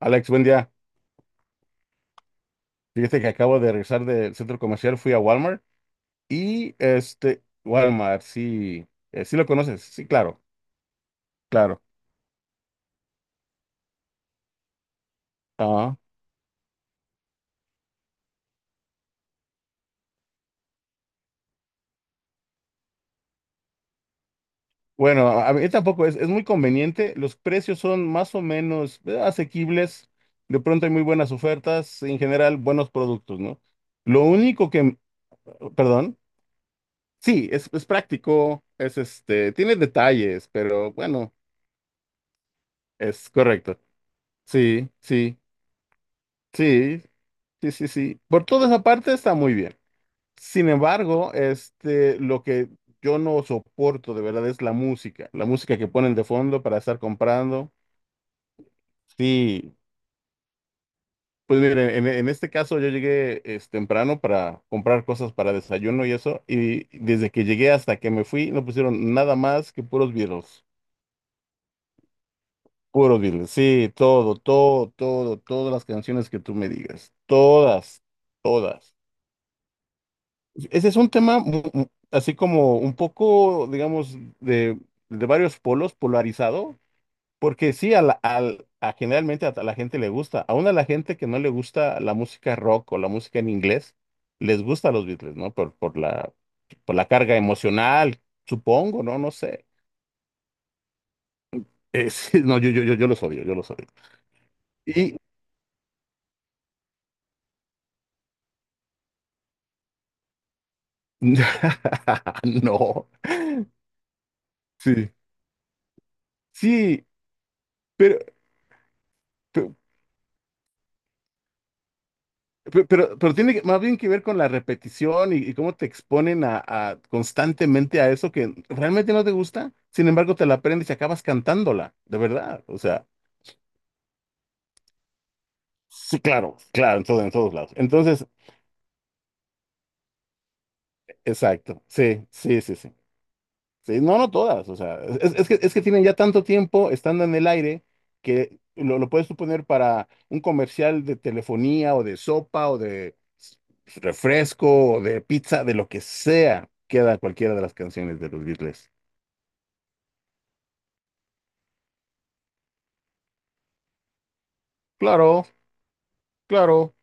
Alex, buen día. Fíjate que acabo de regresar del centro comercial, fui a Walmart y Walmart, sí, sí lo conoces, sí, claro, claro. Ah, bueno, a mí tampoco es muy conveniente, los precios son más o menos asequibles, de pronto hay muy buenas ofertas, en general buenos productos, ¿no? Lo único perdón, sí, es práctico, es este, tiene detalles, pero bueno, es correcto. Sí, sí. Sí, sí, sí, sí. Por toda esa parte está muy bien. Sin embargo, este, lo que yo no soporto de verdad es la música que ponen de fondo para estar comprando. Sí, pues mire, en este caso yo llegué es, temprano para comprar cosas para desayuno y eso, y desde que llegué hasta que me fui no pusieron nada más que puros Beatles, puros Beatles. Sí, todo, todo, todo, todas las canciones que tú me digas, todas, todas. Ese es un tema así como un poco, digamos, de varios polos polarizado, porque sí, a generalmente a la gente le gusta, aún a la gente que no le gusta la música rock o la música en inglés, les gusta los Beatles, ¿no? Por la carga emocional, supongo, ¿no? No sé. Sí, no, yo los odio, yo los odio. Y no, sí, sí, pero... pero tiene más bien que ver con la repetición y cómo te exponen a constantemente a eso que realmente no te gusta, sin embargo te la aprendes y acabas cantándola, de verdad. O sea, sí, claro, claro, en todo, en todos lados. Entonces, exacto, sí, sí, sí, sí. Sí, no, no todas, o sea, es que tienen ya tanto tiempo estando en el aire que lo puedes suponer para un comercial de telefonía o de sopa o de refresco o de pizza, de lo que sea, queda cualquiera de las canciones de los Beatles. Claro, claro.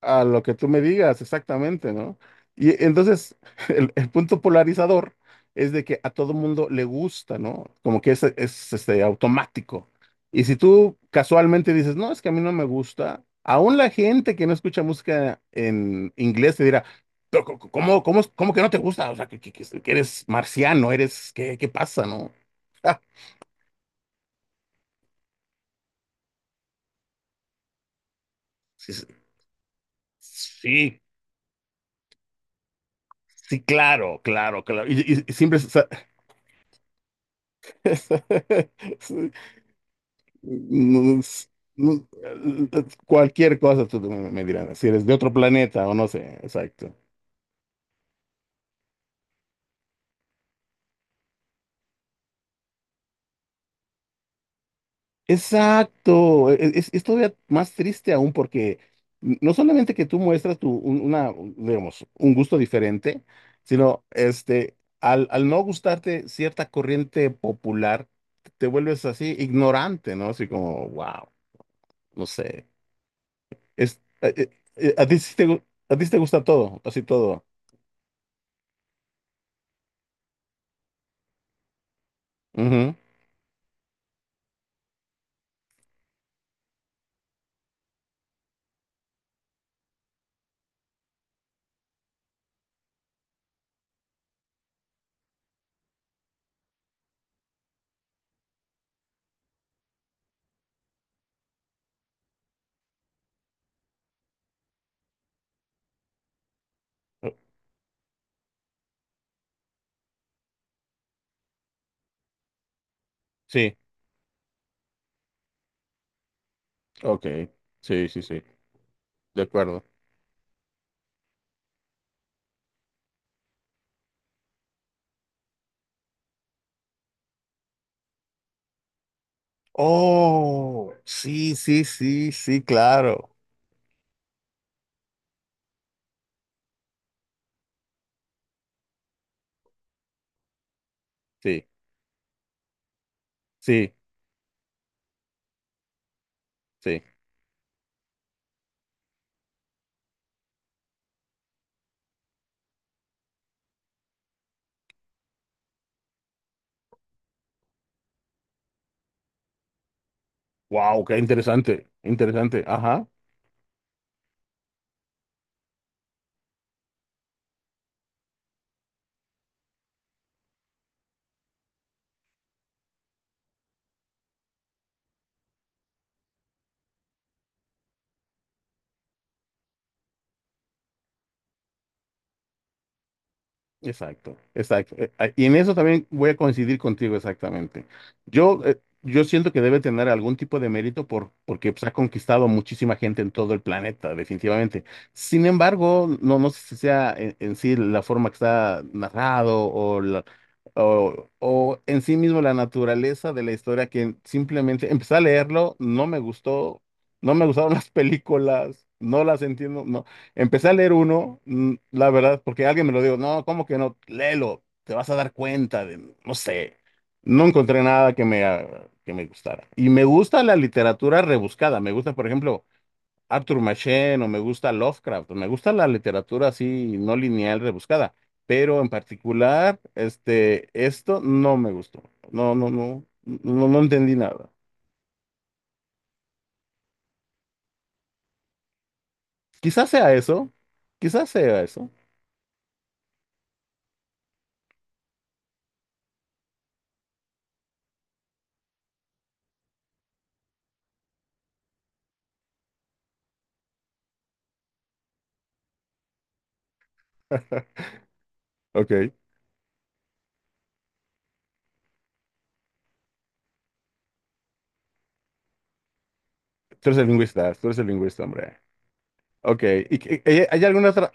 A lo que tú me digas, exactamente, ¿no? Y entonces, el punto polarizador es de que a todo mundo le gusta, ¿no? Como que automático. Y si tú casualmente dices, no, es que a mí no me gusta, aún la gente que no escucha música en inglés te dirá, "Pero ¿cómo, cómo que no te gusta? O sea, que eres marciano, eres, ¿qué, qué pasa, no? Sí, sí, sí, sí, claro, claro, claro. Y siempre... Mm, s- mm, Cualquier cosa tú me dirás, si eres de otro planeta o no sé, exacto. Exacto, es todavía más triste aún porque no solamente que tú muestras una, digamos, un gusto diferente, sino este, al no gustarte cierta corriente popular, te vuelves así ignorante, ¿no? Así como, wow, no sé. Es, a, ti sí te, gu- A ti sí te gusta todo, así todo. Ujú. Sí. Ok, sí, sí, sí, de acuerdo. Oh, sí, sí, sí, sí, claro. Sí, sí, sí. Wow, qué interesante, interesante. Ajá. Exacto, exacto. Y en eso también voy a coincidir contigo exactamente. Yo, yo siento que debe tener algún tipo de mérito porque pues, ha conquistado muchísima gente en todo el planeta, definitivamente. Sin embargo, no, no sé si sea en sí la forma que está narrado o en sí mismo la naturaleza de la historia que simplemente empecé a leerlo, no me gustó, no me gustaron las películas, no las entiendo, no. Empecé a leer uno, la verdad, porque alguien me lo dijo, no, ¿cómo que no? Léelo, te vas a dar cuenta de, no sé, no encontré nada que me gustara. Y me gusta la literatura rebuscada, me gusta, por ejemplo, Arthur Machen o me gusta Lovecraft, me gusta la literatura así, no lineal, rebuscada, pero en particular, este, esto no me gustó, no, no, no, no, no entendí nada. Quizás sea eso, quizás sea eso. Ok, tú eres el lingüista, tú eres el lingüista, hombre. Ok, ¿hay alguna otra?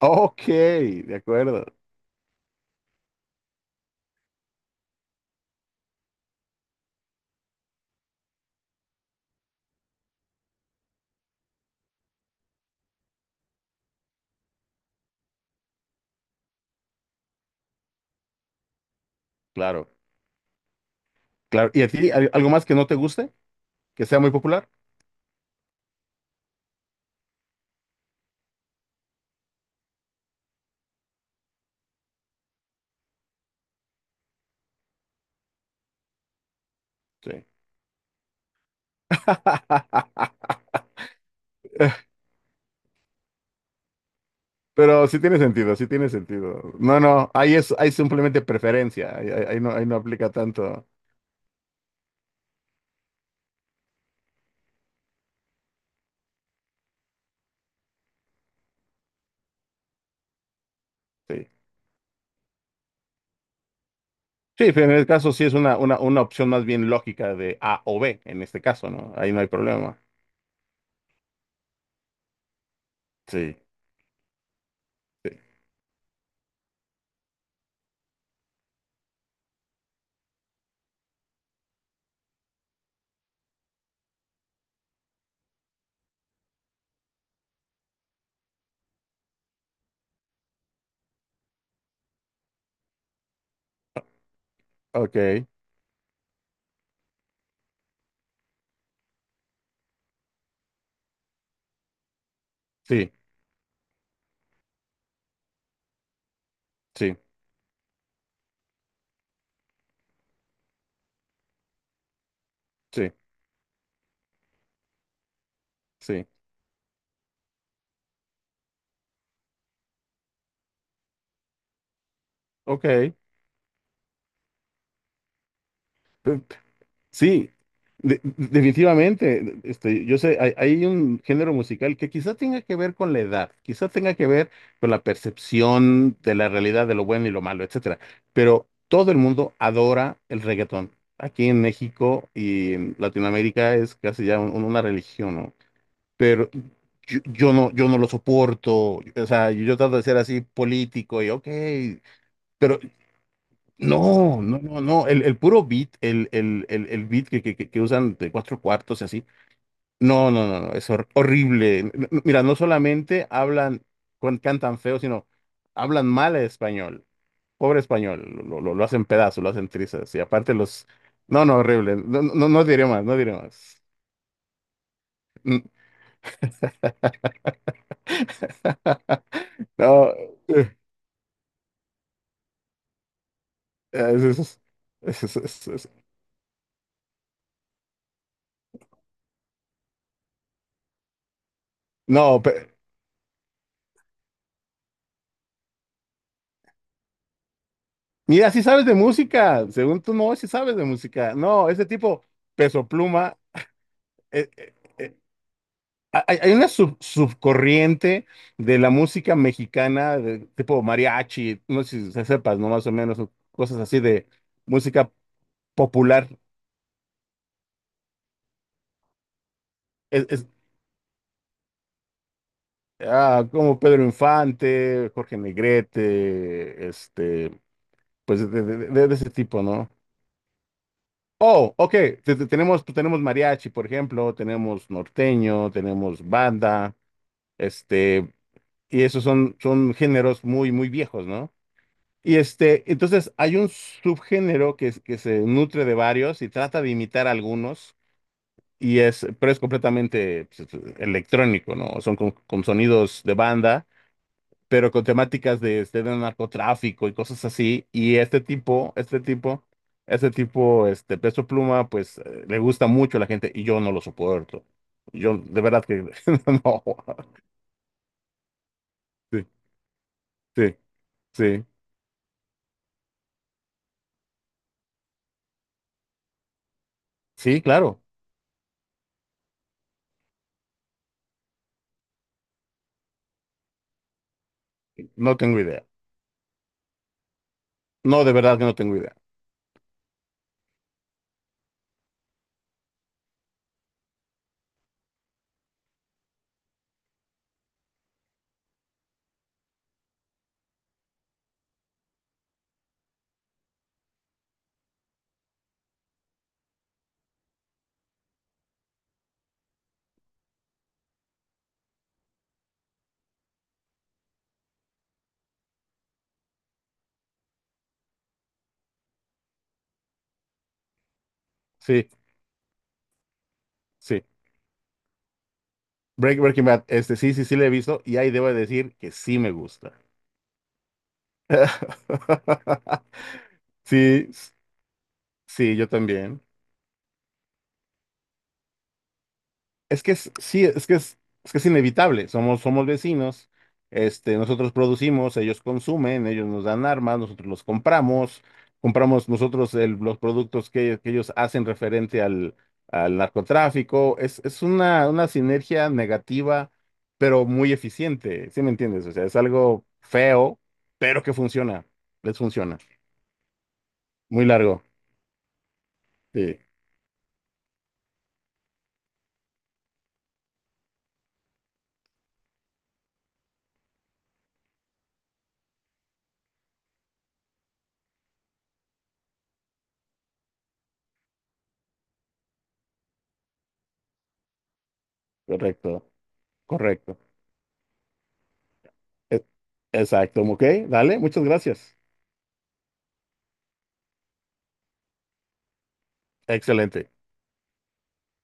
Ok, de acuerdo, claro, claro. ¿Y a ti algo más que no te guste? ¿Que sea muy popular? Sí. Pero sí tiene sentido, sí tiene sentido. No, no, ahí es, ahí simplemente preferencia, ahí no aplica tanto. Sí, sí, pero en el caso sí es una opción más bien lógica de A o B, en este caso, ¿no? Ahí no hay problema. Sí, sí. Ok, sí, sí, sí, sí. Ok. Sí, definitivamente. Este, yo sé, hay un género musical que quizá tenga que ver con la edad, quizá tenga que ver con la percepción de la realidad de lo bueno y lo malo, etcétera. Pero todo el mundo adora el reggaetón. Aquí en México y en Latinoamérica es casi ya una religión, ¿no? Pero yo no, yo no lo soporto. O sea, yo trato de ser así político y ok, pero no, no, no, no. El puro beat, el beat que usan de cuatro cuartos y así. No, no, no, no. Es horrible. Mira, no solamente hablan, cantan feo, sino hablan mal el español. Pobre español. Lo hacen pedazos, lo hacen trizas. Y aparte los. No, no, horrible. No, no, no diré más, no diré más. Mm. No. eh, es- es- es- es- es- es- No, mira, sí sabes de música, según tú no, sí sabes de música. No, ese tipo, Peso Pluma, eh, eh, eh, hay, hay una subcorriente de la música mexicana, de tipo mariachi, no sé si sepas, ¿no? Más o menos, o cosas así de música popular. Es, es- Como Pedro Infante, Jorge Negrete, este, pues de ese tipo, ¿no? Oh, ok, tenemos, tenemos mariachi, por ejemplo, tenemos norteño, tenemos banda. Este, y esos son, son géneros muy, muy viejos, ¿no? Y este, entonces hay un subgénero que se nutre de varios y trata de imitar algunos, y es, pero es completamente pues, electrónico, ¿no? Son con sonidos de banda, pero con temáticas de, este, de narcotráfico y cosas así. Este Peso Pluma, pues le gusta mucho a la gente y yo no lo soporto. Yo, de verdad que no. Sí, sí, sí. Sí, claro. No tengo idea. No, de verdad que no tengo idea. Sí, sí. Breaking Bad, este sí, sí, sí le he visto y ahí debo decir que sí me gusta. Sí, sí, yo también. Es que es, sí, es que es inevitable. Somos, somos vecinos, este, nosotros producimos, ellos consumen, ellos nos dan armas, nosotros los compramos, compramos nosotros los productos que ellos hacen referente al narcotráfico. Una sinergia negativa, pero muy eficiente. ¿Sí me entiendes? O sea, es algo feo, pero que funciona. Les funciona. Muy largo. Sí, correcto, correcto. E- Exacto, ok, dale, muchas gracias. Excelente.